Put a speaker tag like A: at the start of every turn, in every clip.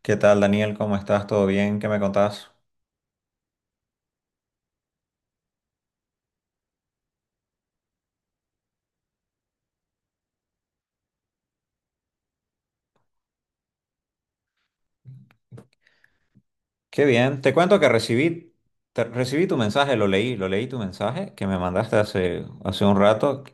A: ¿Qué tal, Daniel? ¿Cómo estás? ¿Todo bien? ¿Qué me contás? Qué bien. Te cuento que recibí, recibí tu mensaje, lo leí tu mensaje que me mandaste hace un rato.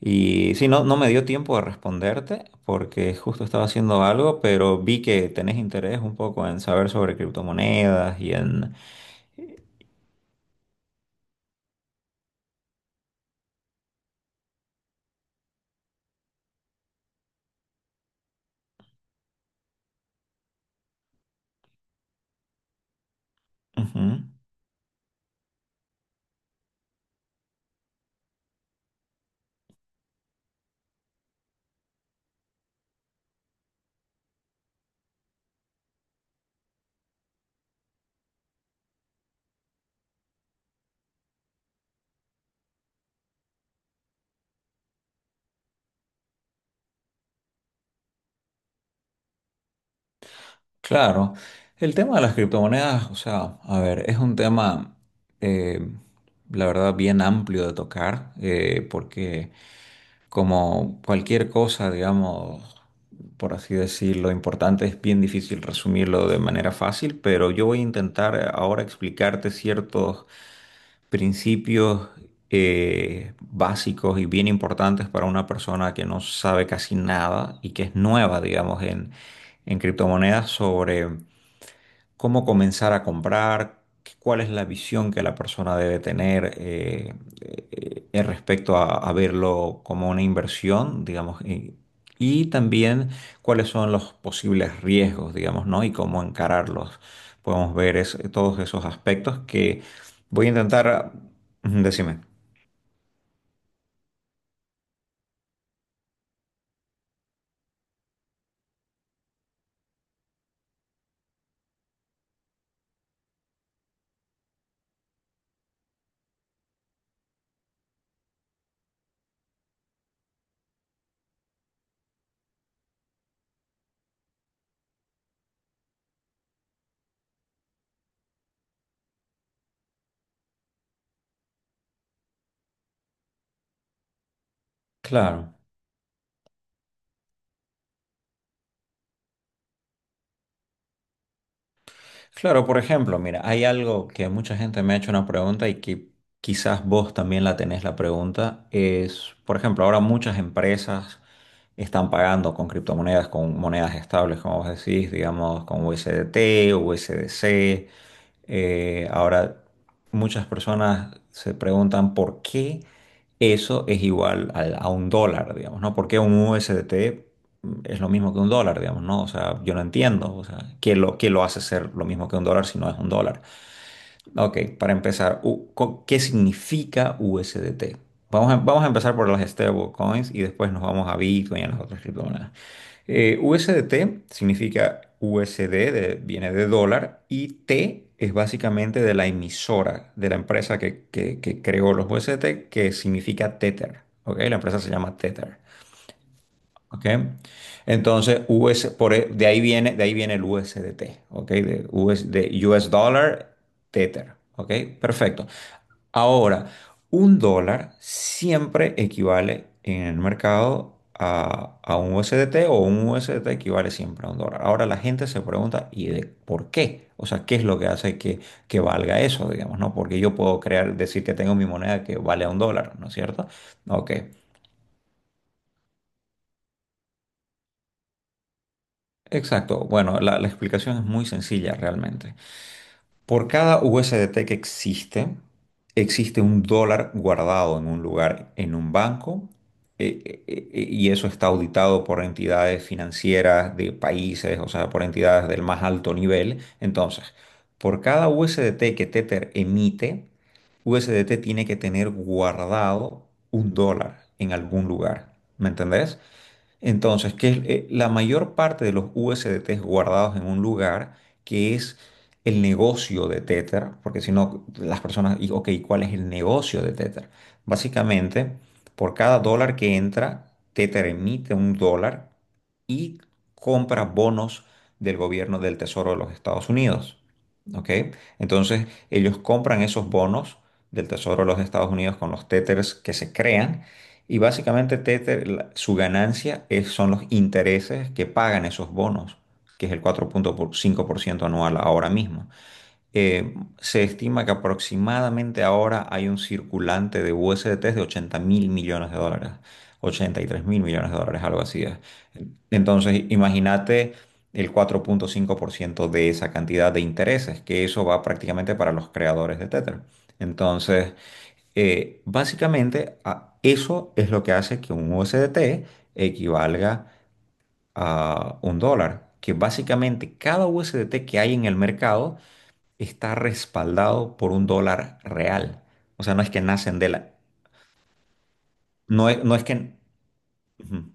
A: Y sí, no, no me dio tiempo de responderte porque justo estaba haciendo algo, pero vi que tenés interés un poco en saber sobre criptomonedas y en... Ujú. Claro, el tema de las criptomonedas, o sea, a ver, es un tema, eh, la verdad, bien amplio de tocar, porque... Como cualquier cosa, digamos, por así decirlo, importante, es bien difícil resumirlo de manera fácil, pero yo voy a intentar ahora explicarte ciertos principios, básicos y bien importantes para una persona que no sabe casi nada y que es nueva, digamos, en criptomonedas, sobre cómo comenzar a comprar, cuál es la visión que la persona debe tener, respecto a verlo como una inversión, digamos, y también cuáles son los posibles riesgos, digamos, ¿no? Y cómo encararlos. Podemos ver todos esos aspectos que voy a intentar, ujú, decime. Claro. Claro, por ejemplo, mira, hay algo que mucha gente me ha hecho una pregunta y que quizás vos también la tenés la pregunta, es, por ejemplo, ahora muchas empresas están pagando con criptomonedas, con monedas estables, como vos decís, digamos, con USDT, USDC. Ahora, muchas personas se preguntan por qué eso es igual a un dólar, digamos, ¿no? ¿Por qué un USDT es lo mismo que un dólar, digamos? ¿No? O sea, yo no entiendo, o sea, ¿qué lo hace ser lo mismo que un dólar si no es un dólar? Ok, para empezar, ¿qué significa USDT? Vamos a empezar por las stablecoins y después nos vamos a Bitcoin y a las otras criptomonedas. USDT significa USD, viene de dólar, y T es básicamente de la emisora, de la empresa que creó los USDT, que significa Tether. ¿Ok? La empresa se llama Tether. ¿Ok? Entonces, US, por, de ahí viene el USDT, ¿ok? De US Dollar Tether, ¿ok? Perfecto. Ahora, un dólar siempre equivale en el mercado a un USDT, o un USDT equivale siempre a un dólar. Ahora la gente se pregunta, ¿y de por qué? O sea, ¿qué es lo que hace que valga eso, digamos? ¿No? Porque yo puedo crear, decir que tengo mi moneda que vale a un dólar, ¿no es cierto? Ok. Exacto. Bueno, la explicación es muy sencilla realmente. Por cada USDT que existe, existe un dólar guardado en un lugar, en un banco, y eso está auditado por entidades financieras de países, o sea, por entidades del más alto nivel. Entonces, por cada USDT que Tether emite, USDT tiene que tener guardado un dólar en algún lugar. ¿Me entendés? Entonces, que es, la mayor parte de los USDTs guardados en un lugar, que es el negocio de Tether. Porque si no, las personas, y, ok, ¿cuál es el negocio de Tether? Básicamente, por cada dólar que entra, Tether emite un dólar y compra bonos del gobierno, del Tesoro de los Estados Unidos. ¿Ok? Entonces, ellos compran esos bonos del Tesoro de los Estados Unidos con los Tethers que se crean, y básicamente Tether, su ganancia es, son los intereses que pagan esos bonos, que es el 4,5% anual ahora mismo. Se estima que aproximadamente ahora hay un circulante de USDT de 80.000 millones de dólares, 83.000 millones de dólares, algo así es. Entonces, imagínate el 4,5% de esa cantidad de intereses, que eso va prácticamente para los creadores de Tether. Entonces, básicamente, eso es lo que hace que un USDT equivalga a un dólar, que básicamente cada USDT que hay en el mercado está respaldado por un dólar real. O sea, no es que nacen de la... No es, no es que... Ujú.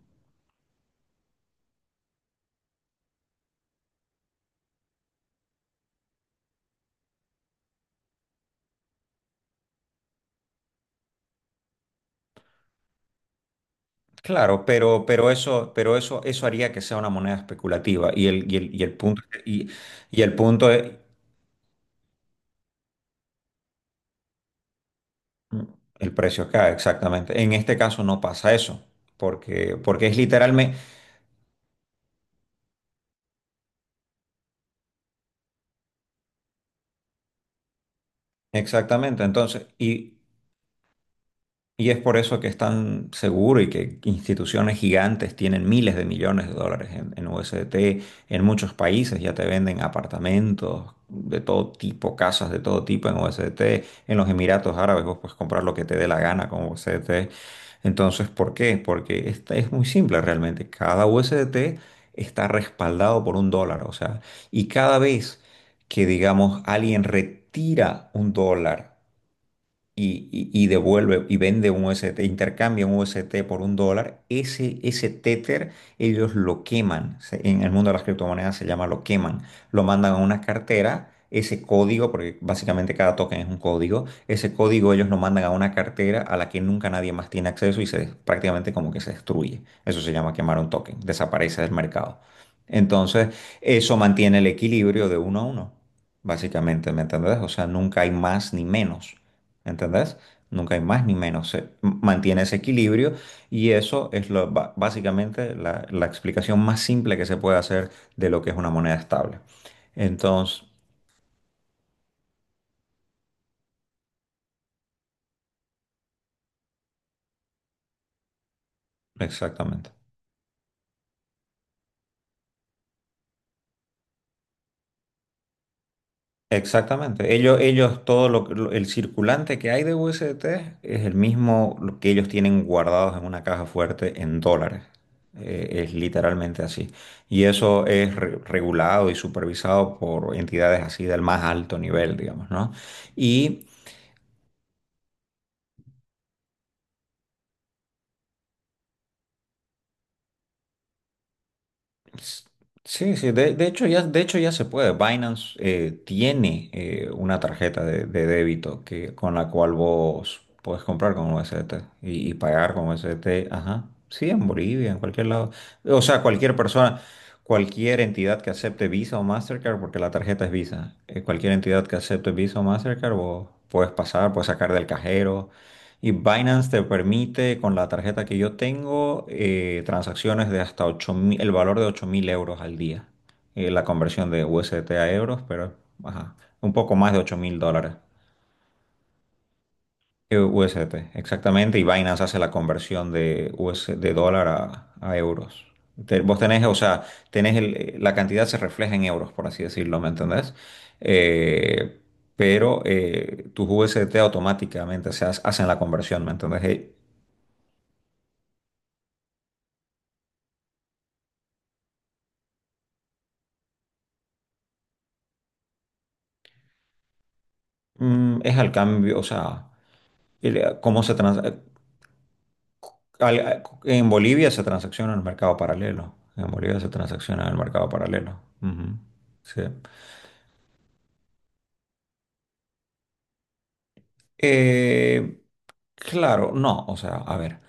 A: Claro, pero eso haría que sea una moneda especulativa. Y el, y el, y el punto es, el precio cae, exactamente. En este caso no pasa eso, porque es literalmente, exactamente. Entonces, y es por eso que es tan seguro y que instituciones gigantes tienen miles de millones de dólares en, USDT, en muchos países ya te venden apartamentos de todo tipo, casas de todo tipo en USDT, en los Emiratos Árabes vos puedes comprar lo que te dé la gana con USDT. Entonces, ¿por qué? Porque esta es muy simple realmente: cada USDT está respaldado por un dólar, o sea, y cada vez que, digamos, alguien retira un dólar, y devuelve y vende un UST, intercambia un UST por un dólar, ese Tether ellos lo queman. En el mundo de las criptomonedas se llama, lo queman. Lo mandan a una cartera, ese código, porque básicamente cada token es un código. Ese código ellos lo mandan a una cartera a la que nunca nadie más tiene acceso y se, prácticamente, como que se destruye. Eso se llama quemar un token, desaparece del mercado. Entonces, eso mantiene el equilibrio de uno a uno, básicamente, ¿me entendés? O sea, nunca hay más ni menos. ¿Entendés? Nunca hay más ni menos. Se mantiene ese equilibrio, y eso es básicamente la explicación más simple que se puede hacer de lo que es una moneda estable. Entonces, exactamente. Exactamente. Ellos, todo el circulante que hay de USDT es el mismo lo que ellos tienen guardados en una caja fuerte en dólares. Es literalmente así. Y eso es regulado y supervisado por entidades así del más alto nivel, digamos, ¿no? Y S- Sí, sí, de hecho ya se puede. Binance tiene, una tarjeta de débito, que, con la cual vos puedes comprar con USDT y pagar con USDT. Ajá. Sí, en Bolivia, en cualquier lado. O sea, cualquier persona, cualquier entidad que acepte Visa o Mastercard, porque la tarjeta es Visa, cualquier entidad que acepte Visa o Mastercard, vos puedes pasar, puedes sacar del cajero. Y Binance te permite, con la tarjeta que yo tengo, transacciones de hasta 8.000 el valor de 8.000 euros al día. La conversión de USDT a euros, pero ajá, un poco más de 8.000 dólares. USDT, exactamente. Y Binance hace la conversión de dólar a euros. Vos tenés, o sea, tenés la cantidad se refleja en euros, por así decirlo, ¿me entendés? Eh, pero tus USDT automáticamente hacen la conversión, ¿me entendés? Es al cambio, o sea, cómo en Bolivia se transacciona en el mercado paralelo. En Bolivia se transacciona en el mercado paralelo. Ujú. Sí. Eh, claro, no, o sea, a ver.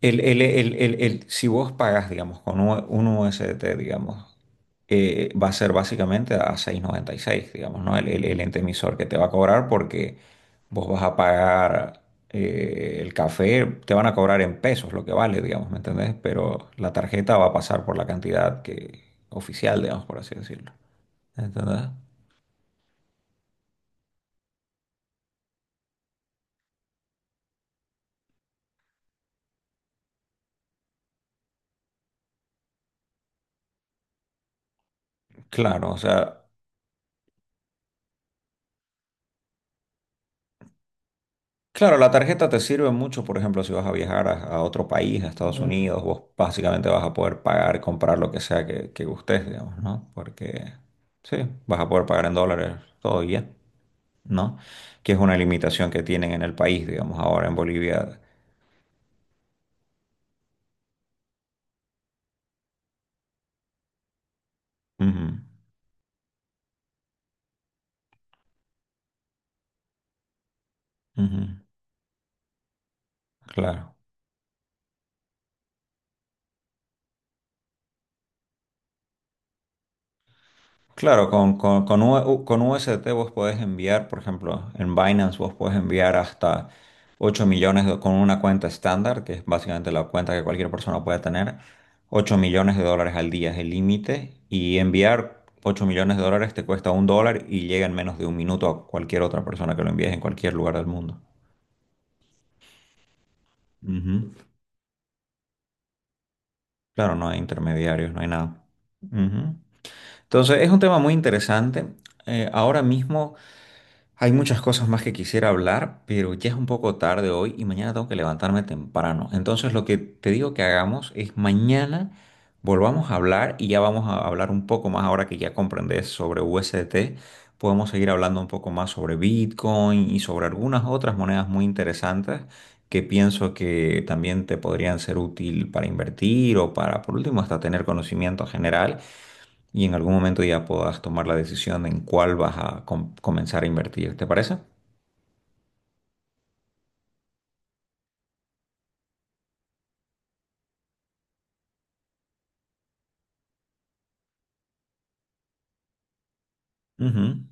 A: Si vos pagas, digamos, con un USDT, digamos, va a ser básicamente a 6,96, digamos, ¿no? El ente emisor que te va a cobrar, porque vos vas a pagar, el café, te van a cobrar en pesos lo que vale, digamos, ¿me entendés? Pero la tarjeta va a pasar por la cantidad que, oficial, digamos, por así decirlo. ¿Entendés? Claro, o sea, claro, la tarjeta te sirve mucho, por ejemplo, si vas a viajar a otro país, a Estados, ujú, Unidos, vos básicamente vas a poder pagar, comprar lo que sea que gustes, digamos, ¿no? Porque sí, vas a poder pagar en dólares todo y ya, ¿no? Que es una limitación que tienen en el país, digamos, ahora en Bolivia. Ujú, ujú, claro. Claro, con UST vos podés enviar, por ejemplo, en Binance vos podés enviar hasta 8 millones con una cuenta estándar, que es básicamente la cuenta que cualquier persona puede tener. 8 millones de dólares al día es el límite, y enviar 8 millones de dólares te cuesta un dólar y llega en menos de un minuto a cualquier otra persona que lo envíes en cualquier lugar del mundo. Ujú. Claro, no hay intermediarios, no hay nada. Ujú. Entonces, es un tema muy interesante. Ahora mismo... Hay muchas cosas más que quisiera hablar, pero ya es un poco tarde hoy y mañana tengo que levantarme temprano. Entonces, lo que te digo que hagamos es, mañana volvamos a hablar y ya vamos a hablar un poco más, ahora que ya comprendes sobre USDT. Podemos seguir hablando un poco más sobre Bitcoin y sobre algunas otras monedas muy interesantes, que pienso que también te podrían ser útil para invertir o para, por último, hasta tener conocimiento general, y en algún momento ya puedas tomar la decisión en cuál vas a comenzar a invertir. ¿Te parece? Ujú.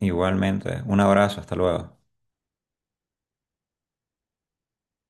A: Igualmente. Un abrazo. Hasta luego.